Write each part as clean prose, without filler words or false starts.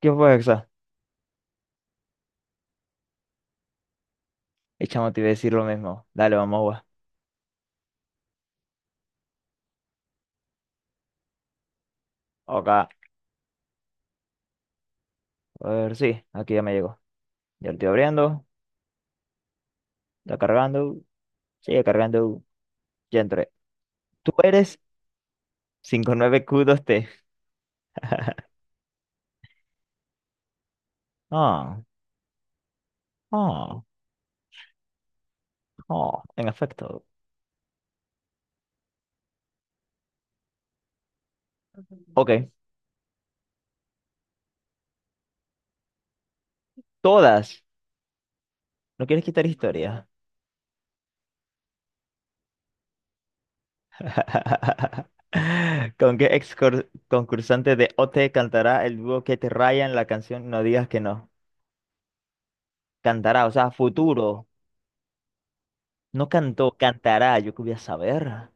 ¿Qué fue eso? Y chamo, te iba a decir lo mismo. Dale, vamos, gua. Acá. A ver, sí, aquí ya me llegó. Ya lo estoy abriendo. Está cargando. Sigue cargando. Ya entré. Tú eres cinco nueve q dos t Ah, ah, en efecto. Ok, todas. ¿No quieres quitar historia? ¿Con qué concursante de OT cantará el dúo que te raya en la canción No digas que no? Cantará, o sea, futuro. No cantó, cantará. Yo qué voy a saber.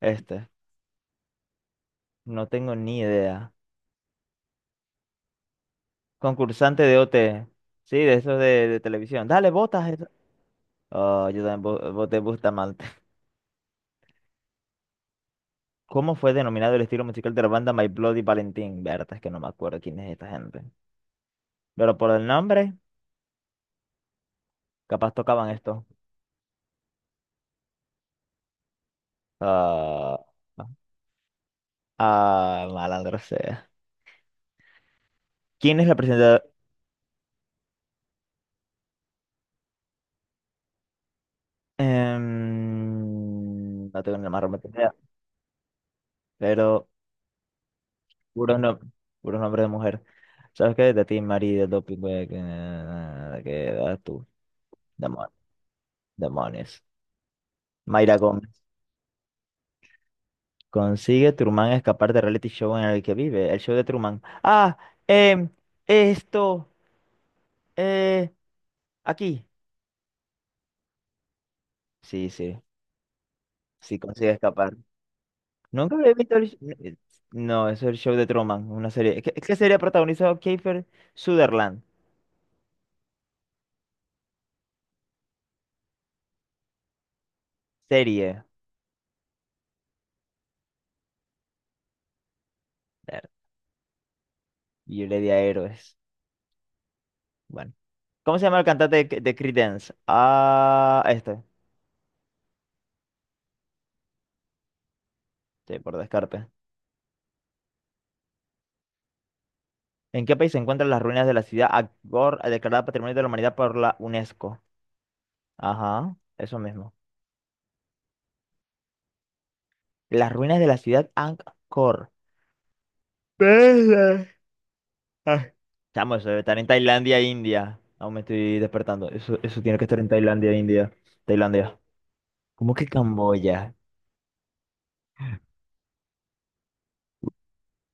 Este, no tengo ni idea. Concursante de OT. Sí, de esos de televisión. Dale, botas. Eso. Oh, yo también voté Bustamante. ¿Cómo fue denominado el estilo musical de la banda My Bloody Valentine? Verdad, es que no me acuerdo quién es esta gente. Pero por el nombre, capaz tocaban esto. Ah, malandro sea. ¿Quién es la presentadora? No tengo ni la más remota idea. Pero puros, no, puros nombres de mujer. ¿Sabes qué? De ti, Mari, del doping, güey, que vas tú. Demon- demonios. Mayra Gómez. Consigue Truman escapar del reality show en el que vive. El show de Truman. Em, esto, eh, aquí. Sí, sí consigue escapar. Nunca había visto el... No, eso es el show de Truman, una serie. ¿Qué serie protagonizado Kiefer Sutherland? Serie. Ver, yo le di a héroes. Bueno. ¿Cómo se llama el cantante de Creedence? Ah, este. Sí, por descarte. ¿En qué país se encuentran las ruinas de la ciudad Angkor declarada Patrimonio de la Humanidad por la UNESCO? Ajá, eso mismo. Las ruinas de la ciudad Angkor. Verga. Ah, chamo, eso debe estar en Tailandia, India. Aún me estoy despertando. Eso tiene que estar en Tailandia, India. Tailandia. ¿Cómo que Camboya?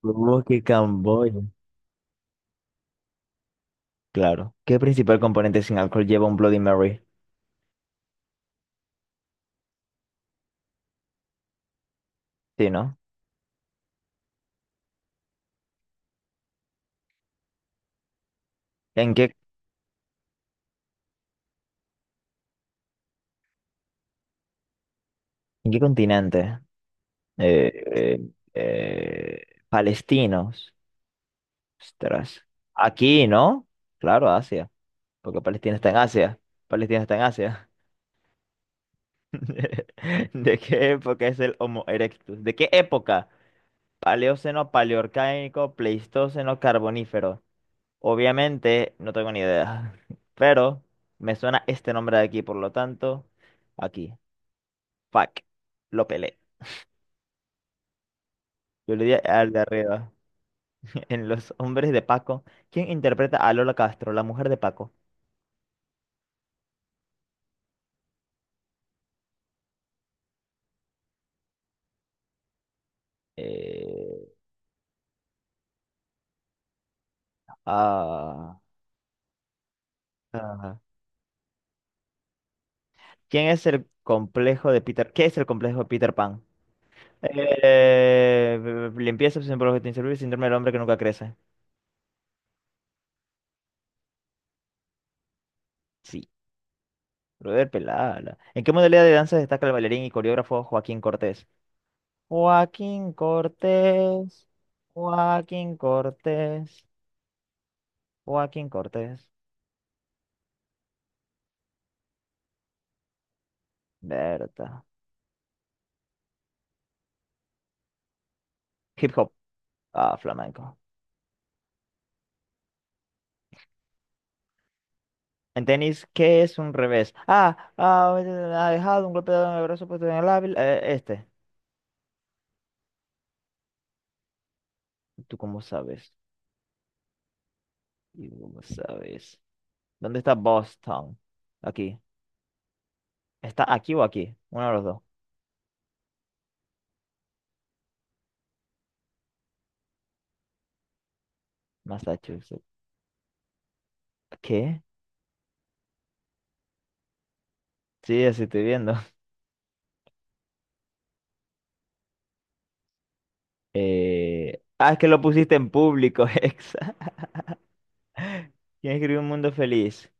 ¿Cómo que Camboya? Claro. ¿Qué principal componente sin alcohol lleva un Bloody Mary? Sí, ¿no? ¿En qué, ¿en qué continente? eh, eh, palestinos. Ostras. Aquí, ¿no? Claro, Asia. Porque Palestina está en Asia. Palestina está en Asia. ¿De qué época es el Homo erectus? ¿De qué época? Paleoceno, paleorcaico, pleistoceno, carbonífero. Obviamente, no tengo ni idea. Pero me suena este nombre de aquí, por lo tanto, aquí. Fuck. Lo pelé. Yo le di al de arriba. En Los Hombres de Paco, ¿quién interpreta a Lola Castro, la mujer de Paco? Eh, ah, ah. ¿Quién es el complejo de Peter? ¿Qué es el complejo de Peter Pan? Limpieza, obsesión por objeto inservible, síndrome del hombre que nunca crece. Sí, brother, pelada. ¿En qué modalidad de danza destaca el bailarín y coreógrafo Joaquín Cortés? Joaquín Cortés, Joaquín Cortés, Joaquín Cortés. Berta. Hip hop. Ah, flamenco. En tenis, ¿qué es un revés? Ha dejado un golpe de brazo puesto en el hábil. ¿Tú cómo sabes? ¿Y tú cómo sabes? ¿Dónde está Boston? Aquí. ¿Está aquí o aquí? Uno de los dos. Massachusetts. ¿Qué? Sí, así estoy viendo. Ah, es que lo pusiste en público, Hexa. ¿Quién escribió Un Mundo Feliz?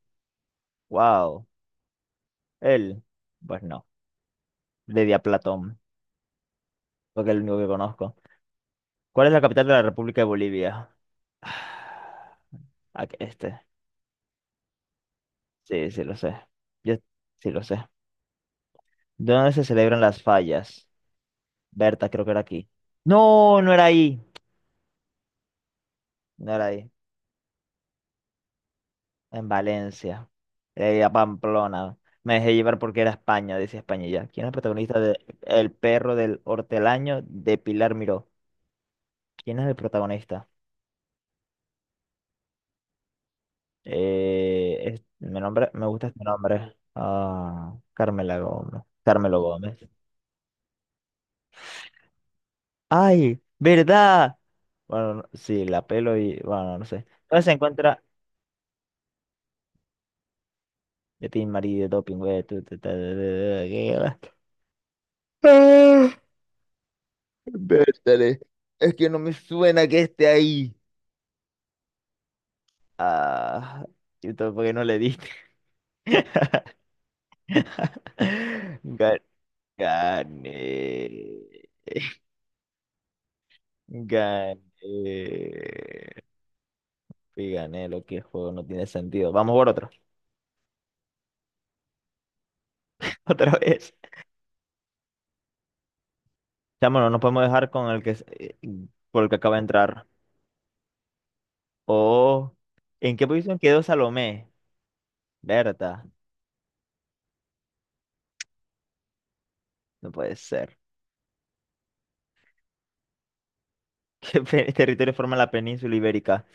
Wow. Él. Pues no. Le di a Platón, porque es el único que conozco. ¿Cuál es la capital de la República de Bolivia? Ah, este. Sí, sí lo sé. Yo sí lo sé. ¿Dónde se celebran las fallas? Berta, creo que era aquí. No, no era ahí. No era ahí. En Valencia. Era ir a Pamplona. Me dejé llevar porque era España, decía España y ya. ¿Quién es el protagonista de El perro del hortelaño de Pilar Miró? ¿Quién es el protagonista? Mi nombre, me gusta este nombre. Ah, Carmela Gómez. Carmelo Gómez. ¡Ay! ¿Verdad? Bueno, no- sí, la pelo y. Bueno, no sé. ¿Dónde se encuentra de Team Marie de doping, güey. Tu, ta, ta, ta, ta, ta. Ah, Vértale. Es que no me suena que esté ahí. Ah, y todo porque no le diste. Ga- Gané. Gané. Y gané lo que el juego no tiene sentido. Vamos por otro. Otra vez. Chamo, no nos podemos dejar con el que por el que acaba de entrar. Oh, ¿en qué posición quedó Salomé? Berta. No puede ser. ¿Qué territorio forma la península ibérica?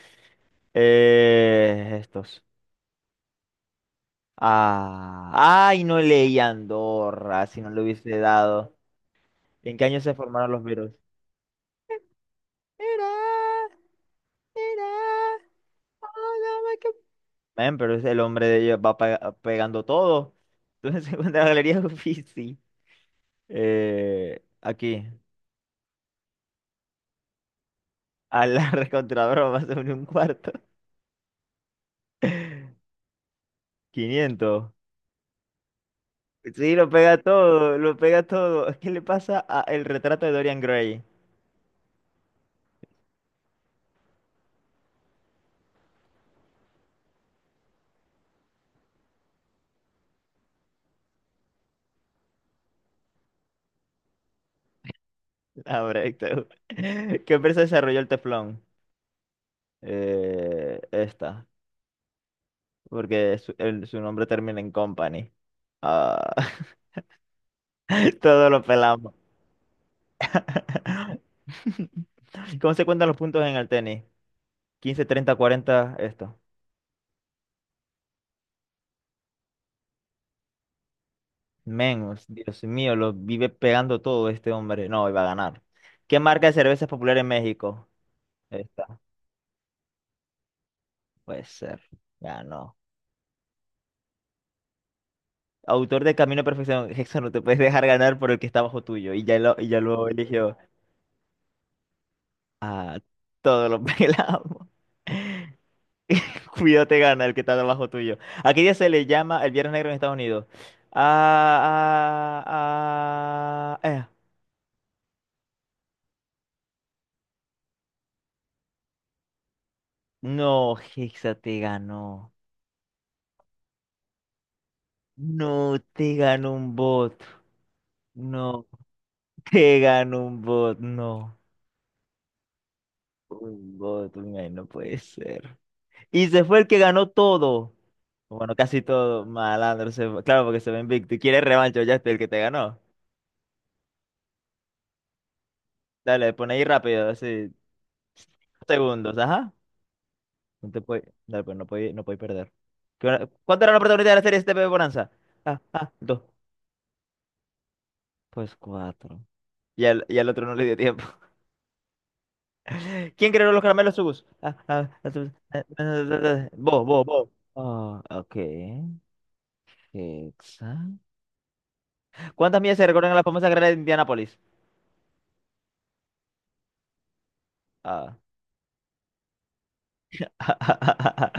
Estos. Ah, ay, no leí Andorra, si no le hubiese dado. ¿En qué año se formaron los virus? Era, era, oh, no, my God. Men, pero es el hombre de ellos va pegando todo. Entonces se encuentra la galería Uffizi. Aquí. A la recontradora más sobre un cuarto. 500. Sí, lo pega todo, lo pega todo. ¿Qué le pasa a el retrato de Dorian Gray? Ah, perfecto. ¿Qué empresa desarrolló el teflón? Esta, porque su nombre termina en company. Ah, todo lo pelamos. ¿Cómo se cuentan los puntos en el tenis? 15, 30, 40, esto. Menos, Dios mío, lo vive pegando todo este hombre. No, iba a ganar. ¿Qué marca de cerveza es popular en México? Esta, puede ser. Ganó. Autor de Camino a Perfección. Eso no te puedes dejar ganar por el que está bajo tuyo. Y y ya lo eligió. A todos los pelamos. Cuidado te gana el que está debajo tuyo. ¿A qué día se le llama el Viernes Negro en Estados Unidos? Ah, ah, ah, eh. No, Hexa te ganó. No te ganó un bot. No, te ganó un bot. No. Un bot, un ay, no puede ser. Y se fue el que ganó todo. Bueno, casi todo. Malandro, se fue. Claro, porque se ve invicto. Y quiere revancha, ya está el que te ganó. Dale, pon ahí rápido, así. Segundos, ajá. No te puede, dale, pues, no puede, no puede perder. ¿Cuánto era la oportunidad de la serie este STP Bonanza? Dos. Pues cuatro. Y y al otro no le dio tiempo. ¿Quién creó los caramelos Subus? Subus. Vos, vos, vos. Ah, ok. Hexa. ¿Cuántas millas se recorren a la famosa carrera de Indianápolis? Ah.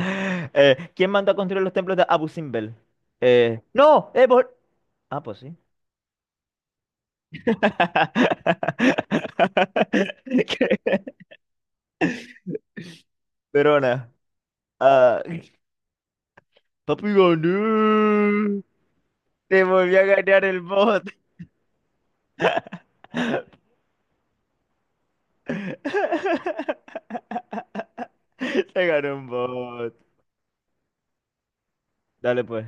¿Quién mandó a construir los templos de Abu Simbel? No, vos- Ah, pues sí. Verona, ah, papi gané. Te volví a ganar el bot. Te ganó un bot. Dale pues.